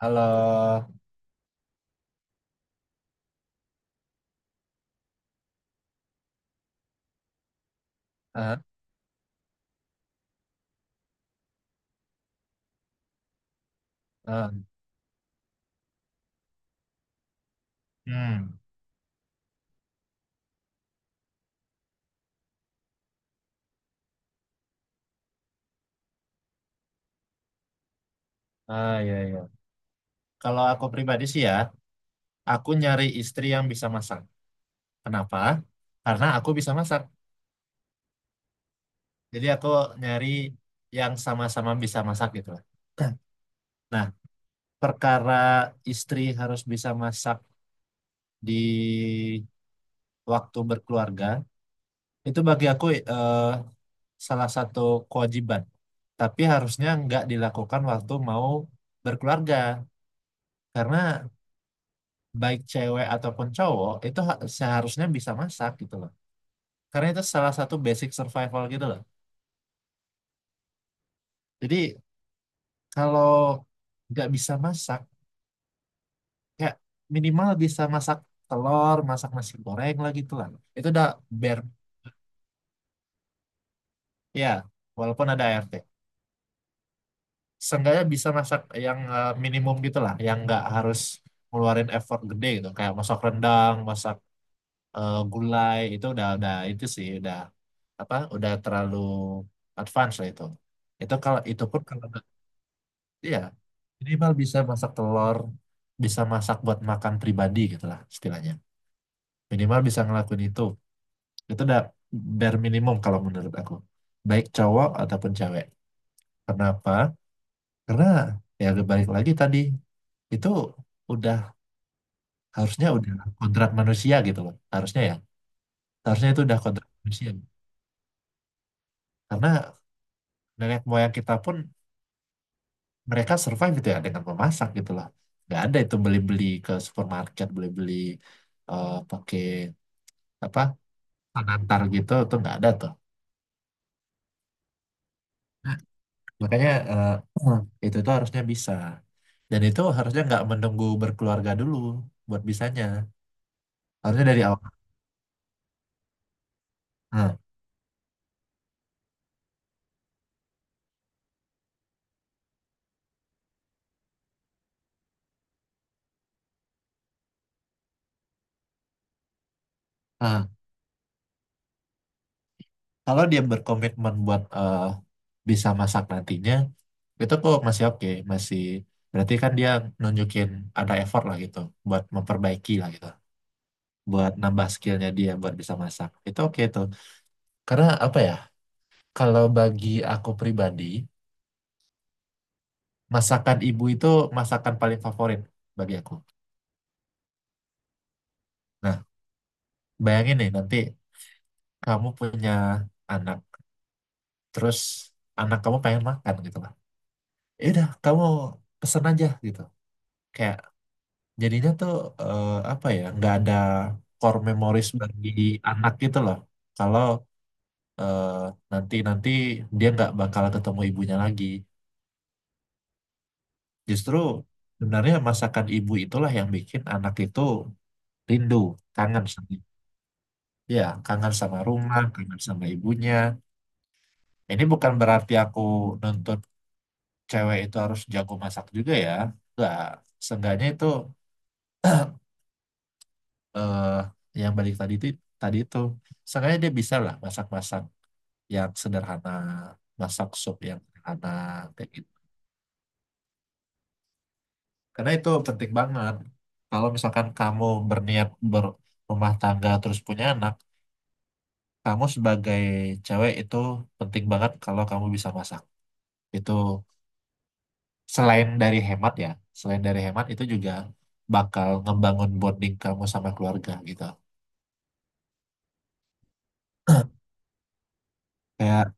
Halo. Ah, ah, hmm. Iya, iya. Kalau aku pribadi sih, ya, aku nyari istri yang bisa masak. Kenapa? Karena aku bisa masak. Jadi aku nyari yang sama-sama bisa masak gitu lah. Nah, perkara istri harus bisa masak di waktu berkeluarga, itu bagi aku eh, salah satu kewajiban. Tapi harusnya nggak dilakukan waktu mau berkeluarga. Karena baik cewek ataupun cowok itu seharusnya bisa masak gitu loh. Karena itu salah satu basic survival gitu loh. Jadi kalau nggak bisa masak, kayak minimal bisa masak telur, masak nasi goreng lah gitu lah. Itu udah bare, ya walaupun ada ART. Seenggaknya bisa masak yang minimum gitu lah, yang nggak harus ngeluarin effort gede gitu. Kayak masak rendang, masak gulai itu udah itu sih udah apa, udah terlalu advance lah itu kalau itu pun kalau ya minimal bisa masak telur, bisa masak buat makan pribadi gitu lah istilahnya, minimal bisa ngelakuin itu udah bare minimum kalau menurut aku, baik cowok ataupun cewek. Kenapa? Karena ya balik lagi tadi, itu udah, harusnya udah kodrat manusia gitu loh, harusnya ya, harusnya itu udah kodrat manusia, karena nenek moyang kita pun mereka survive itu ya dengan memasak gitu loh. Nggak ada itu beli-beli ke supermarket, beli-beli pakai apa, pengantar gitu, itu nggak ada tuh. Makanya itu tuh harusnya bisa, dan itu harusnya nggak menunggu berkeluarga dulu buat bisanya, harusnya dari awal. Nah, nah, Kalau dia berkomitmen buat bisa masak nantinya, itu kok masih oke, masih, berarti kan dia nunjukin ada effort lah gitu, buat memperbaiki lah gitu, buat nambah skillnya dia buat bisa masak. Itu oke tuh. Karena apa ya, kalau bagi aku pribadi, masakan ibu itu masakan paling favorit bagi aku. Nah, bayangin nih nanti kamu punya anak, terus anak kamu pengen makan gitu lah. Ya udah, kamu pesen aja gitu. Kayak jadinya tuh apa ya, nggak ada core memories bagi anak gitu loh. Kalau eh, nanti-nanti dia nggak bakal ketemu ibunya lagi. Justru sebenarnya masakan ibu itulah yang bikin anak itu rindu, kangen sama, ya, kangen sama rumah, kangen sama ibunya. Ini bukan berarti aku nuntut cewek itu harus jago masak juga ya. Enggak, seenggaknya itu eh, yang balik tadi itu, tadi itu seenggaknya dia bisa lah masak-masak yang sederhana, masak sup yang sederhana kayak gitu. Karena itu penting banget. Kalau misalkan kamu berniat berumah tangga terus punya anak, kamu sebagai cewek itu penting banget kalau kamu bisa masak. Itu selain dari hemat ya, selain dari hemat itu juga bakal ngebangun bonding kamu sama keluarga gitu. Kayak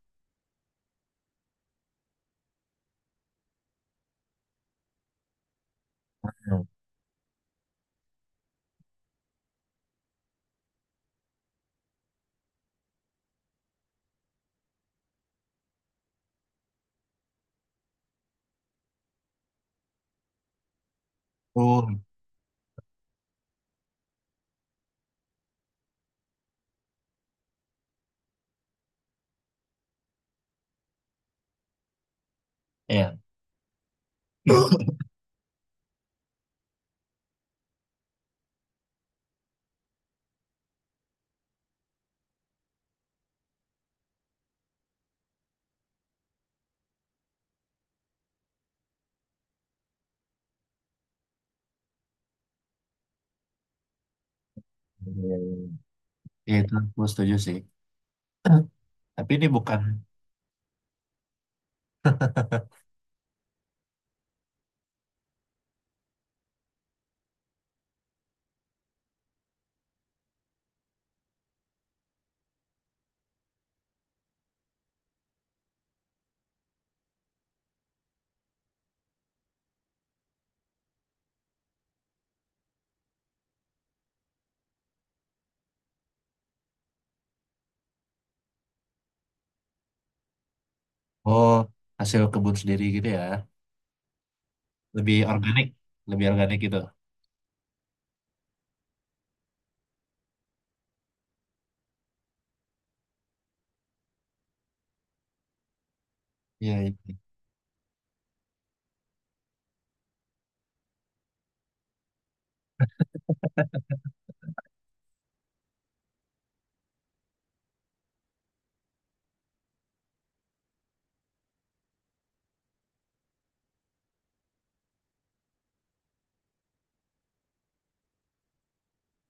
aku, ya, ya itu aku setuju sih. Tapi ini bukan oh, hasil kebun sendiri gitu ya, lebih organik, lebih organik gitu. Iya.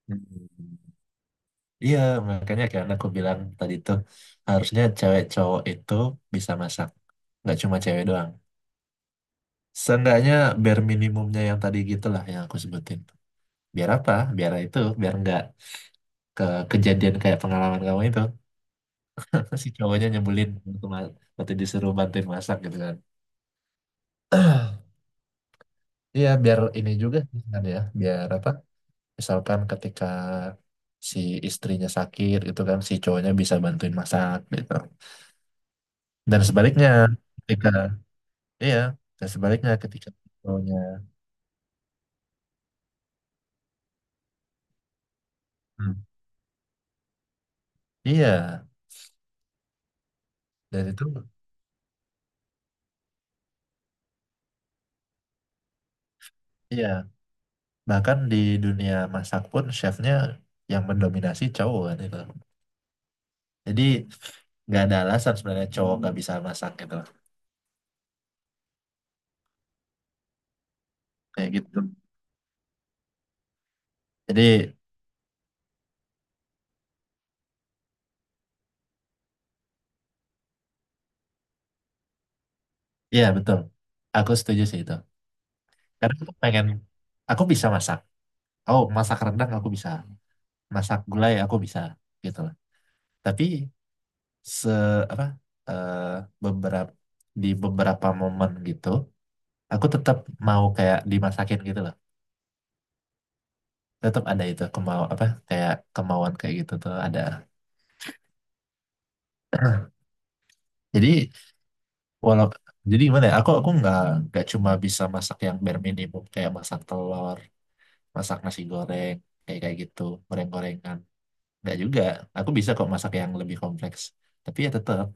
Iya. Iya, makanya kan aku bilang tadi tuh harusnya cewek cowok itu bisa masak. Nggak cuma cewek doang. Seenggaknya bare minimumnya yang tadi gitulah yang aku sebutin. Biar apa? Biar itu, biar nggak ke kejadian kayak pengalaman kamu itu. Si cowoknya nyebelin waktu, waktu disuruh bantuin masak gitu kan. Iya, biar ini juga kan ya. Biar apa? Misalkan ketika si istrinya sakit itu kan si cowoknya bisa bantuin masak gitu. Dan sebaliknya ketika, iya, dan sebaliknya ketika cowoknya, hmm, iya, dan itu, iya, bahkan di dunia masak pun chefnya yang mendominasi cowok kan itu. Jadi nggak ada alasan sebenarnya cowok nggak bisa masak gitu, kayak gitu. Jadi iya betul, aku setuju sih itu. Karena aku pengen, aku bisa masak. Oh, masak rendang aku bisa, masak gulai aku bisa gitu loh. Tapi se apa eh, beberapa, di beberapa momen gitu, aku tetap mau kayak dimasakin gitu loh, tetap ada itu, kemau apa, kayak kemauan kayak gitu tuh ada. Jadi walau, jadi gimana ya, aku nggak cuma bisa masak yang bare minimum kayak masak telur, masak nasi goreng, kayak kayak gitu, goreng-gorengan, nggak juga, aku bisa kok masak yang lebih kompleks, tapi ya tetap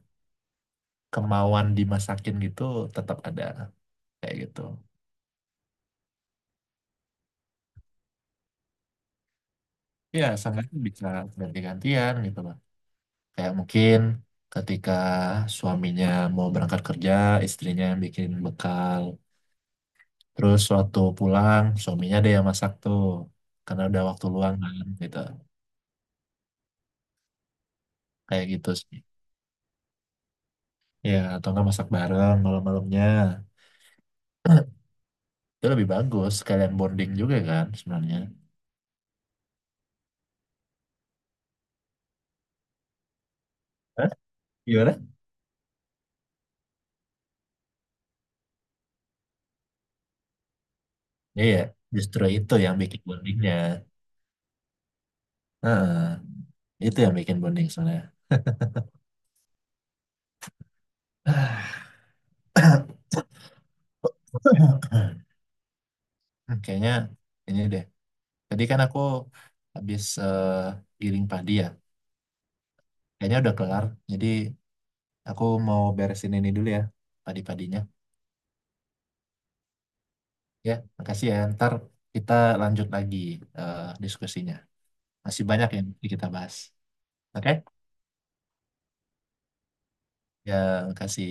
kemauan dimasakin gitu tetap ada, kayak gitu. Ya sangat bisa ganti-gantian gitu loh. Kayak mungkin ketika suaminya mau berangkat kerja, istrinya yang bikin bekal. Terus waktu pulang, suaminya ada yang masak tuh. Karena udah waktu luang kan, gitu. Kayak gitu sih. Ya, atau nggak masak bareng malam-malamnya. Itu lebih bagus, sekalian bonding juga kan sebenarnya. Hah? Gimana? Iya, justru itu yang bikin bondingnya. Heeh, itu yang bikin bonding sebenarnya. Kayaknya ini deh. Tadi kan aku habis giring padi ya. Kayaknya udah kelar. Jadi aku mau beresin ini dulu ya, padi-padinya. Ya, makasih ya. Ntar kita lanjut lagi diskusinya. Masih banyak yang mesti kita bahas. Oke? Ya, makasih.